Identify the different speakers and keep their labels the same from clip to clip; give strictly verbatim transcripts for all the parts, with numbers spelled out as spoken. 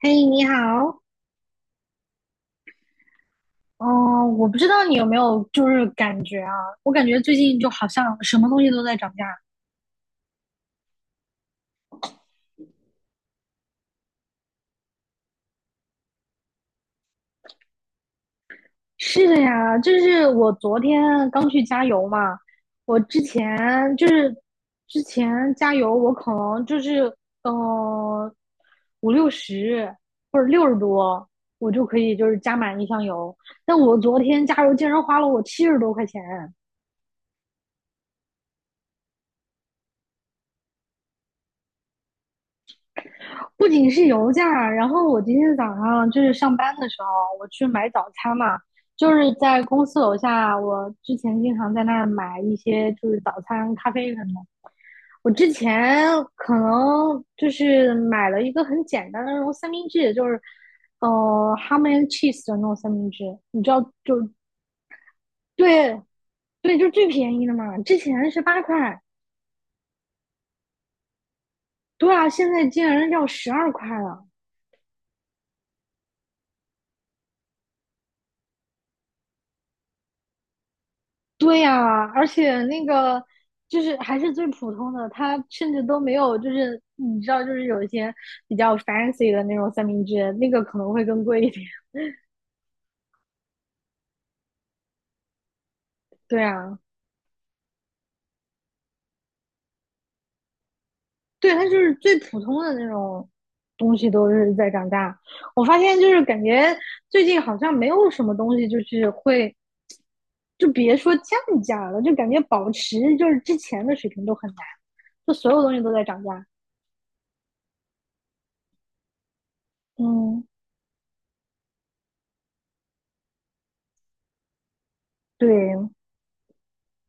Speaker 1: 嘿，你好。哦，我不知道你有没有就是感觉啊，我感觉最近就好像什么东西都在涨价。是的呀，就是我昨天刚去加油嘛，我之前就是之前加油，我可能就是嗯五六十或者六十多，我就可以就是加满一箱油。但我昨天加油竟然花了我七十多块钱。不仅是油价，然后我今天早上就是上班的时候，我去买早餐嘛，就是在公司楼下，我之前经常在那儿买一些就是早餐、咖啡什么的。我之前可能就是买了一个很简单的那种三明治，就是呃 ham and cheese 的那种三明治，你知道就对，对，就最便宜的嘛，之前是八块，对啊，现在竟然要十二块了。对呀，而且那个就是还是最普通的，它甚至都没有，就是你知道，就是有一些比较 fancy 的那种三明治，那个可能会更贵一点。对啊，对，它就是最普通的那种东西都是在涨价。我发现就是感觉最近好像没有什么东西就是会，就别说降价了，就感觉保持就是之前的水平都很难，就所有东西都在涨价。嗯，对，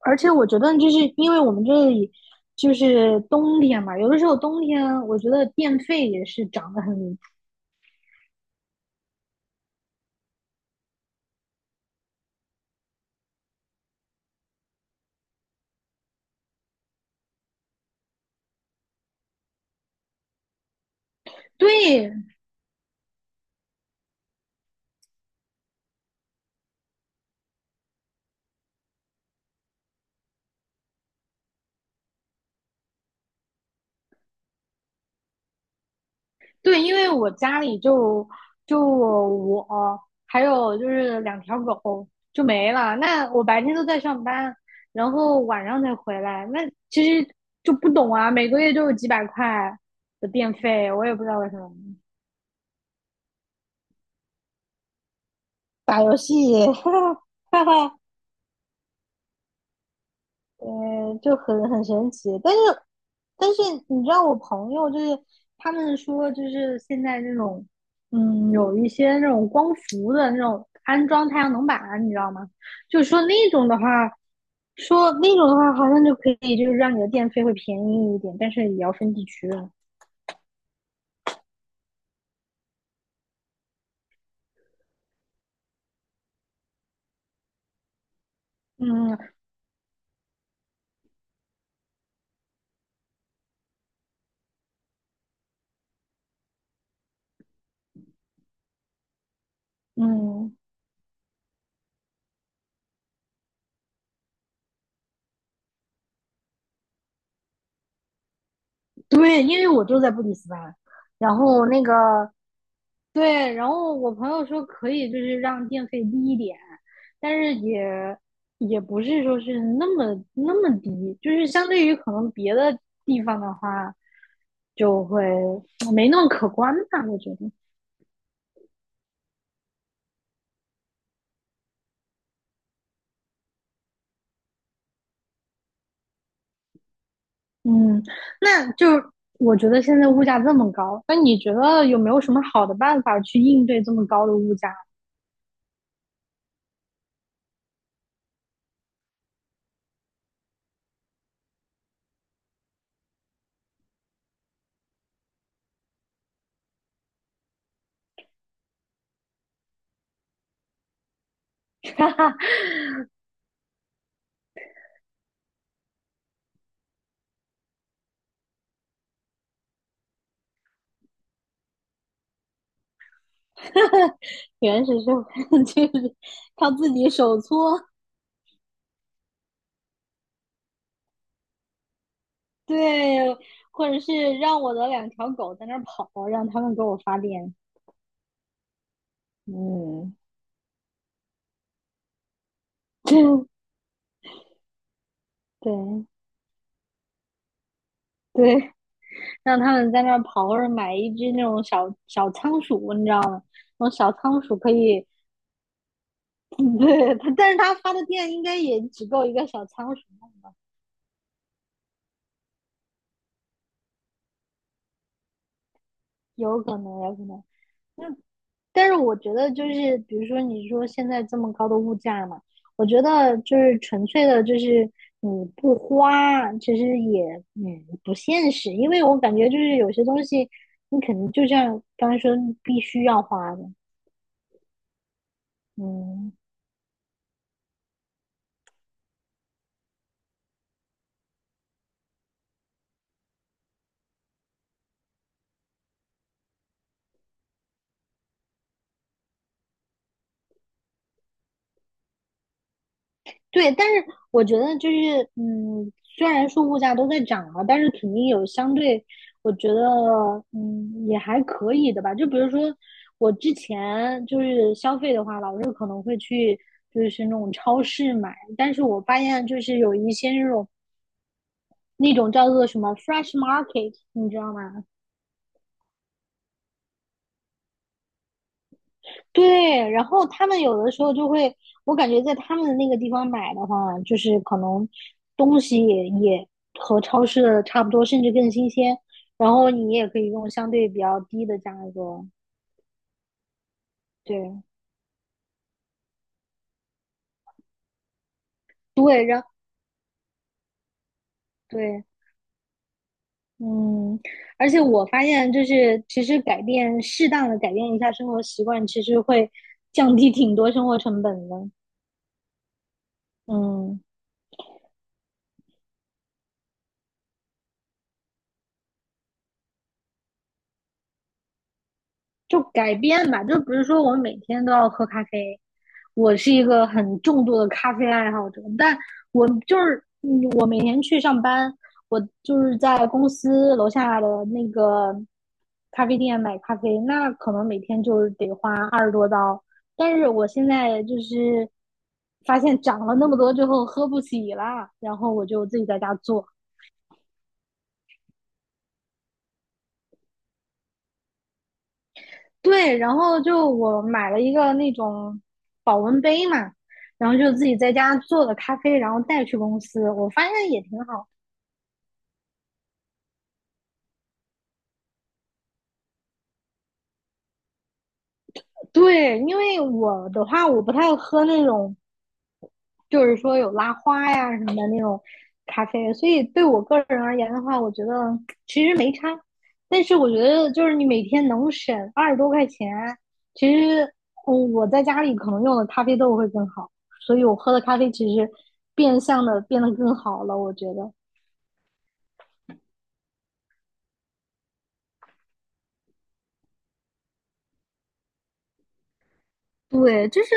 Speaker 1: 而且我觉得，就是因为我们这里就是冬天嘛，有的时候冬天我觉得电费也是涨得很离谱。对对，因为我家里就就我还有就是两条狗就没了，那我白天都在上班，然后晚上才回来，那其实就不懂啊，每个月就有几百块的电费，我也不知道为什么。打游戏，哈哈哈。呃，就很很神奇，但是，但是你知道，我朋友就是他们说，就是现在那种，嗯，有一些那种光伏的那种安装太阳能板啊，你知道吗？就说那种的话，说那种的话，好像就可以，就是让你的电费会便宜一点，但是也要分地区。嗯嗯，对，因为我就在布里斯班，然后那个对，然后我朋友说可以，就是让电费低一点，但是也也不是说是那么那么低，就是相对于可能别的地方的话，就会没那么可观吧，我觉得。嗯，那就是我觉得现在物价这么高，那你觉得有没有什么好的办法去应对这么高的物价？原始社会就是靠自己手搓，对，或者是让我的两条狗在那儿跑，让他们给我发电。嗯，对对，让他们在那儿跑，或者买一只那种小小仓鼠，你知道吗？那种小仓鼠可以，对它，但是它发的电应该也只够一个小仓鼠，有可能，有可能。那，但是我觉得就是，比如说你说现在这么高的物价嘛，我觉得就是纯粹的，就是你不花，其实也嗯不现实，因为我感觉就是有些东西你肯定就像刚才说，你必须要花的，嗯。对，但是我觉得就是，嗯，虽然说物价都在涨嘛，但是肯定有相对，我觉得，嗯，也还可以的吧。就比如说我之前就是消费的话，老是可能会去就是那种超市买，但是我发现就是有一些那种那种叫做什么 fresh market，你知道吗？对，然后他们有的时候就会，我感觉在他们的那个地方买的话，就是可能东西也也和超市的差不多，甚至更新鲜。然后你也可以用相对比较低的价格，对对，然对，嗯，而且我发现就是其实改变适当的改变一下生活习惯，其实会降低挺多生活成本的，嗯。就改变吧，就比如说我每天都要喝咖啡，我是一个很重度的咖啡爱好者，但我就是嗯我每天去上班，我就是在公司楼下的那个咖啡店买咖啡，那可能每天就是得花二十多刀，但是我现在就是发现涨了那么多之后喝不起了，然后我就自己在家做。对，然后就我买了一个那种保温杯嘛，然后就自己在家做的咖啡，然后带去公司，我发现也挺好。对，因为我的话，我不太喝那种就是说有拉花呀什么的那种咖啡，所以对我个人而言的话，我觉得其实没差。但是我觉得就是你每天能省二十多块钱，其实嗯我在家里可能用的咖啡豆会更好，所以我喝的咖啡其实变相的变得更好了，我觉得。对，就是，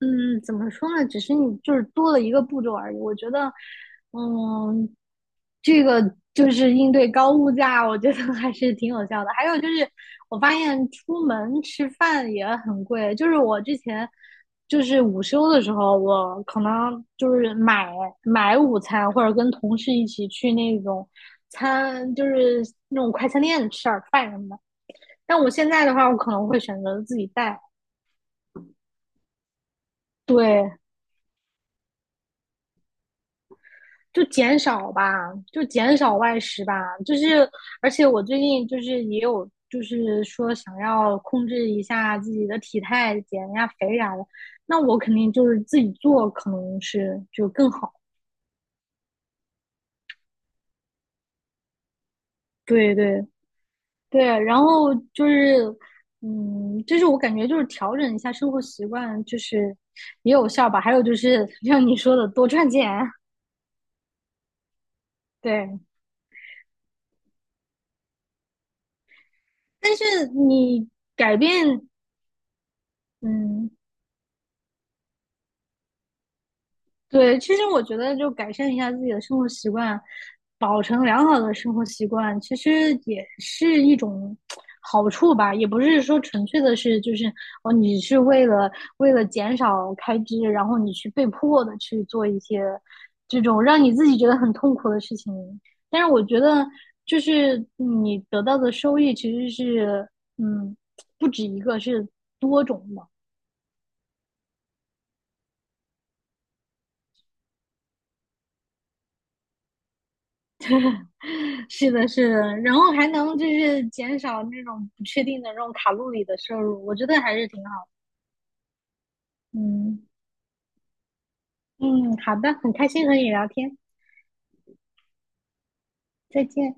Speaker 1: 嗯，怎么说呢？只是你就是多了一个步骤而已。我觉得，嗯，这个就是应对高物价，我觉得 还是挺有效的。还有就是，我发现出门吃饭也很贵。就是我之前就是午休的时候，我可能就是买买午餐，或者跟同事一起去那种餐，就是那种快餐店吃点儿饭什么的。但我现在的话，我可能会选择自己带。对，就减少吧，就减少外食吧。就是，而且我最近就是也有，就是说想要控制一下自己的体态，减一下肥啥的。那我肯定就是自己做，可能是就更好。对对对，然后就是，嗯，就是我感觉就是调整一下生活习惯，就是也有效吧。还有就是像你说的，多赚钱。对，但是你改变，嗯，对，其实我觉得就改善一下自己的生活习惯，保持良好的生活习惯，其实也是一种好处吧。也不是说纯粹的是就是哦，你是为了为了减少开支，然后你去被迫的去做一些这种让你自己觉得很痛苦的事情。但是我觉得，就是你得到的收益其实是嗯，不止一个，是多种的。是的，是的，然后还能就是减少那种不确定的这种卡路里的摄入，我觉得还是挺好。嗯嗯，好的，很开心和你聊天，再见。